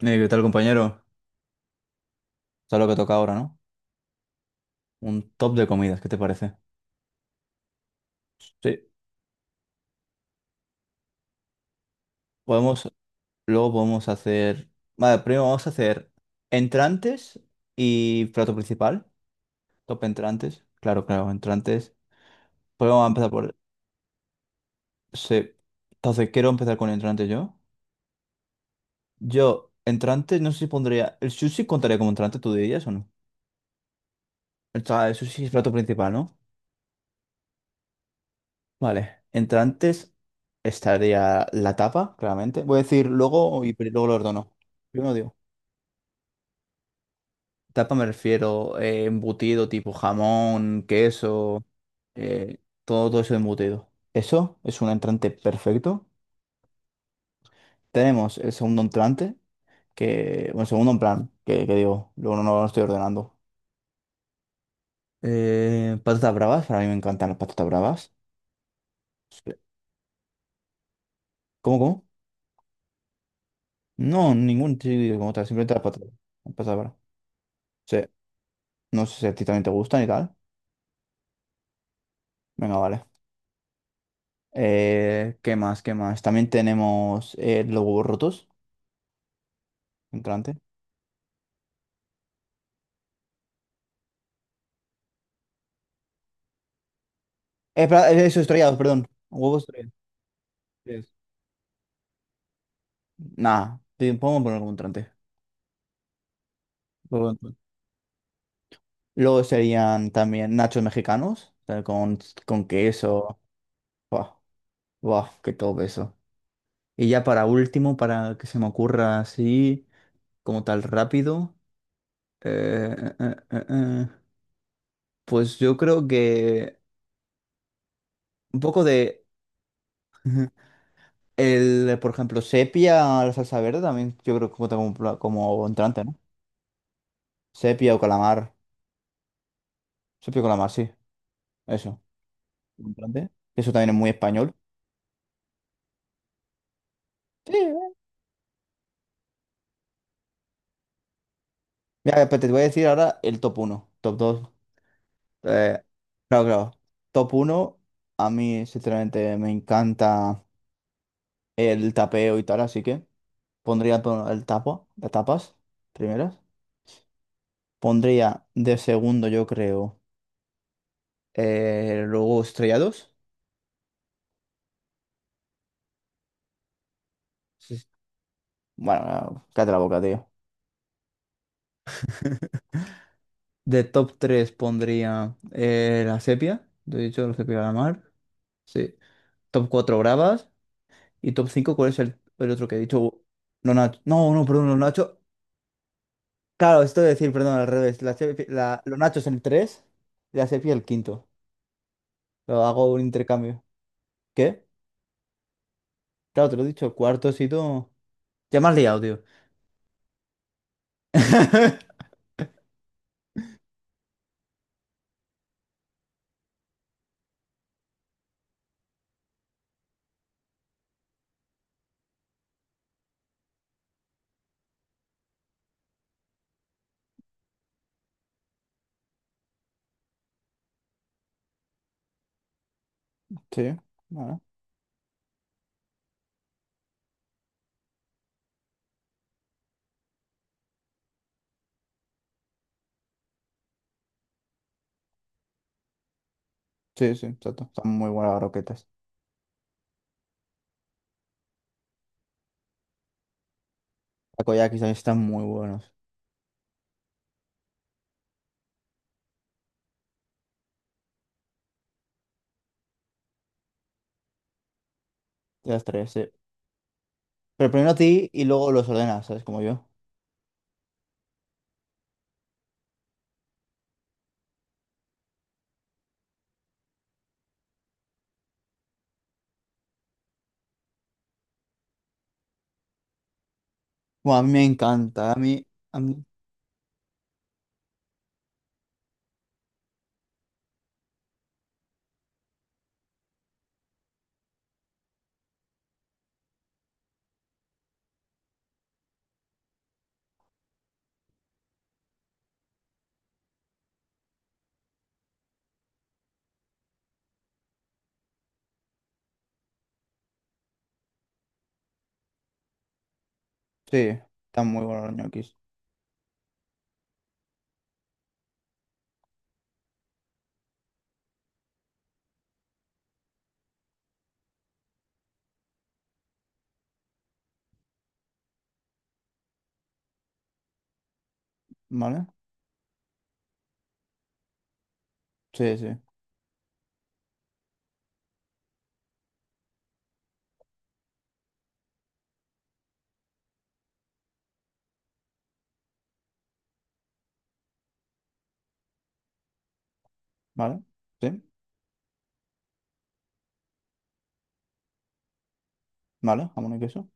¿Qué tal, compañero? ¿Sabes lo que toca ahora, no? Un top de comidas, ¿qué te parece? Sí. Podemos, luego podemos hacer. Vale, primero vamos a hacer entrantes y plato principal. Top entrantes. Claro, claro, entrantes. Pues vamos a empezar por. Sí. Entonces, quiero empezar con entrantes yo. Yo, entrantes, no sé si pondría. ¿El sushi contaría como entrante, tú dirías o no? O sea, el sushi es plato principal, ¿no? Vale, entrantes estaría la tapa, claramente. Voy a decir luego y luego lo ordono. Primero digo. Tapa me refiero embutido tipo jamón, queso, eh, todo eso embutido. Eso es un entrante perfecto. Tenemos el segundo entrante, que, bueno, segundo en plan, que digo, luego no lo estoy ordenando. Patatas bravas, para mí me encantan las patatas bravas. Sí. Cómo? No, ningún chile como tal, simplemente las patatas. Las patatas bravas. Sí. No sé si a ti también te gustan y tal. Venga, vale. ¿Qué más? ¿Qué más? También tenemos los huevos rotos. Entrante. Espera, eso, estrellados, perdón. Huevos estrellados. Yes. Nah, podemos poner como entrante. Huevo entrante. Luego serían también nachos mexicanos, tal, con queso. Buah, buah, qué todo eso. Y ya para último, para que se me ocurra así, como tal rápido, eh, eh, eh, eh, eh, pues yo creo que un poco de... El, por ejemplo, sepia, la salsa verde también, yo creo que cuenta como, como entrante, ¿no? Sepia o calamar. Sepia o calamar, sí. Eso. Como entrante. Eso también es muy español. Sí. Mira, pues te voy a decir ahora el top uno top dos. Eh, claro, claro. Top uno a mí sinceramente me encanta el tapeo y tal, así que pondría el tapo, las tapas primeras. Pondría de segundo, yo creo, luego estrellados. Sí, sí. Bueno, cállate la boca, tío. De top 3 pondría la sepia, lo he dicho, la sepia de la mar. Sí. Top 4 bravas. Y top cinco, ¿cuál es el otro que he dicho? Los nachos. No, no, perdón, los nachos. Claro, esto de decir, perdón, al revés. Los nachos el 3 y la sepia el quinto. Lo hago un intercambio. ¿Qué? Claro, te lo he dicho, el cuarto sitio. Ya me has liado, tío. Sí, bueno. Sí, sí, exacto. Están muy buenas las roquetas. Takoyakis también están muy buenos. Las tres, sí. Pero primero a ti y luego los ordenas, ¿sabes? Como yo. Bueno, a mí me encanta, a mí, a mí- sí, están muy buenos los ñoquis, ¿vale? Sí, sí, ¿vale? Sí, ¿vale? Jamón y queso.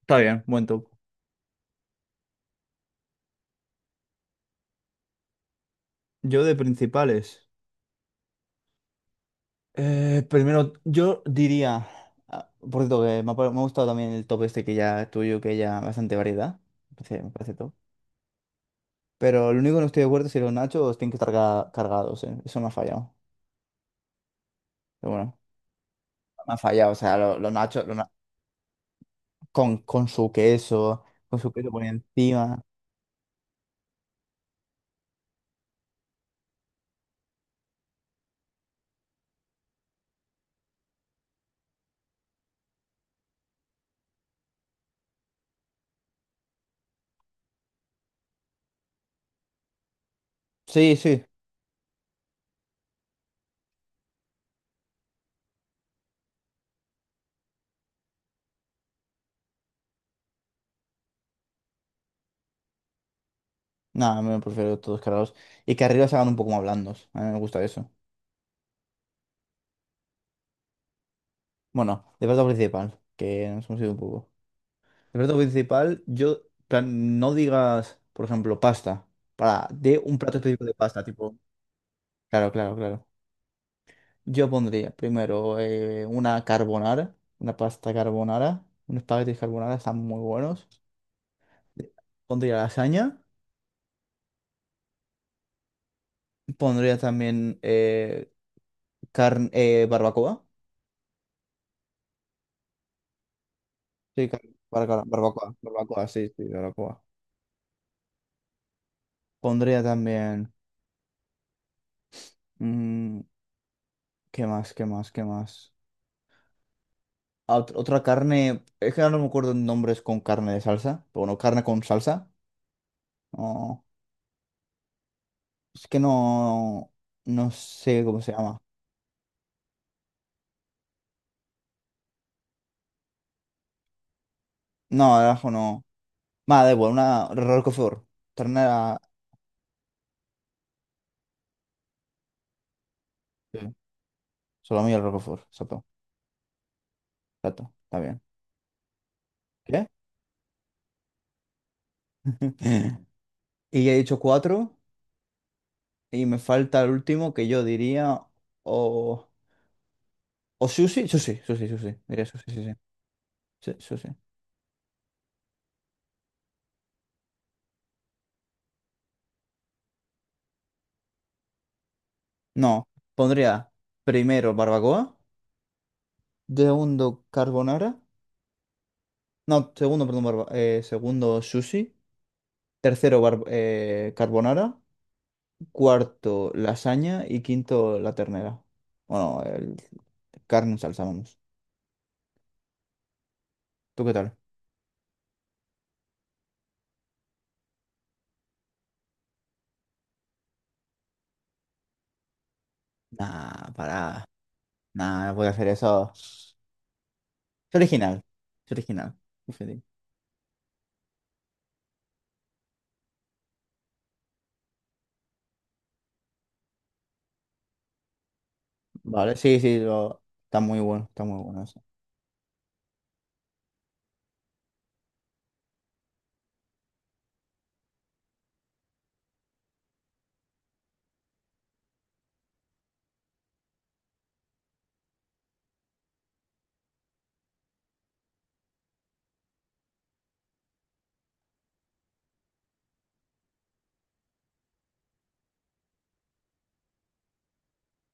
Está bien, buen top. Yo de principales, primero, yo diría, ah, por cierto, que me ha, me ha gustado también el top este que ya tuyo, que ya bastante variedad, me parece top. Pero lo único que no estoy de acuerdo es si los nachos tienen que estar cargados, eh. Eso me ha fallado, pero bueno, me ha fallado, o sea, los nachos, con, con su queso, con su queso por encima. Sí, sí. No, me prefiero todos cargados. Y que arriba se hagan un poco más blandos. A mí me gusta eso. Bueno, de plato principal, que nos hemos ido un poco. De plato principal, yo, plan, no digas, por ejemplo, pasta. Para, de un plato específico de pasta, tipo. Claro, claro, claro. Yo pondría primero una carbonara, una pasta carbonara, unos espaguetis carbonara, están muy buenos. Pondría lasaña. Pondría también carne, barbacoa. Sí, barbacoa, barbacoa, barbacoa, sí, sí, barbacoa. Pondría también. mm, ¿Qué más? ¿Qué más? ¿Qué más? Ah, otra carne. Es que ahora no me acuerdo nombres con carne de salsa. Pero bueno, carne con salsa. No, es que no. No sé cómo se llama. No, el ajo no. Nada, da igual, una Roquefort. Ternera. Sí. Salami al Roquefort. Exacto. Exacto. Está bien. ¿Qué? Y ya he dicho cuatro. Y me falta el último que yo diría. O. O sushi. Sushi, sushi, sushi. Diría sushi, sí, sí. Sí, sushi. No, pondría primero barbacoa, segundo carbonara, no, segundo, perdón, segundo sushi, tercero carbonara, cuarto lasaña y quinto la ternera. Bueno, carne en salsa, vamos. ¿Tú qué tal? Nah, pará. Nah, no voy a hacer eso. Es original, es original. Fíjate. Vale, sí, sí, está muy bueno eso.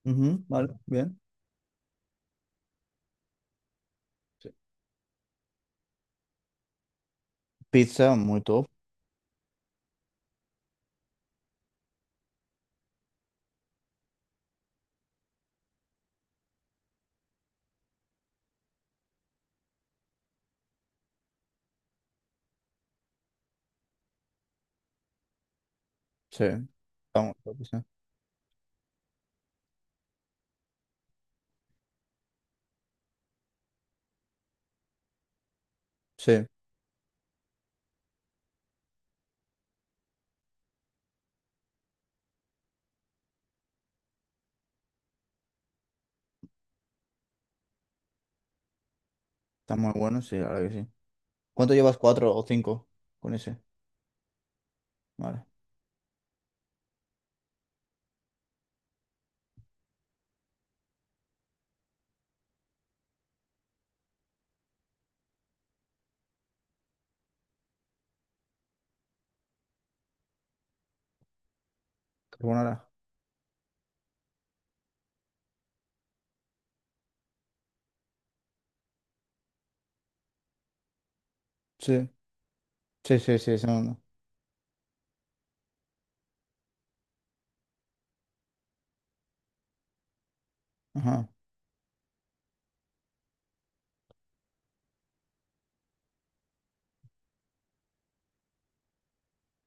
Ujú, vale, bien. Sí. Pizza, muy top. Sí, está muy top, sí. Sí. Está muy bueno, sí, ahora que sí. ¿Cuánto llevas? ¿Cuatro o cinco con ese? Vale. Carbonara. Sí, sí, sí, sí, esa onda. Ajá.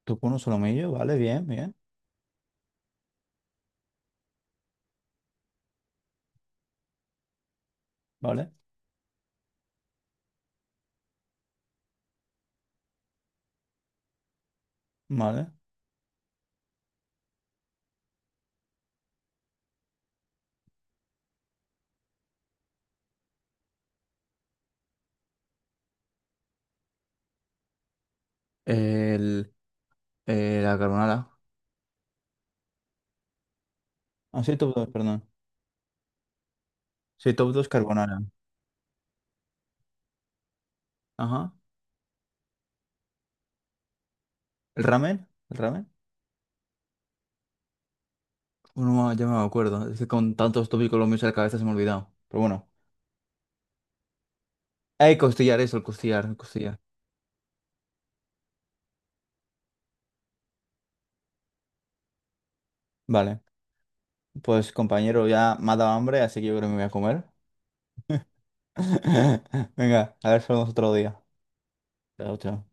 Tú con un solomillo, vale, bien, bien. Vale, vale. El, la carbonara. Ah, sí, top 2, perdón. Sí, top 2 carbonara. Ajá. ¿El ramen? ¿El ramen? Uno ya me acuerdo. Es que con tantos tópicos los míos en la cabeza se me ha olvidado. Pero bueno. Hay costillar eso, el costillar, el costillar. Vale. Pues compañero, ya me ha dado hambre, así que yo creo que me voy a comer. Venga, a ver si lo vemos otro día. Chao, chao.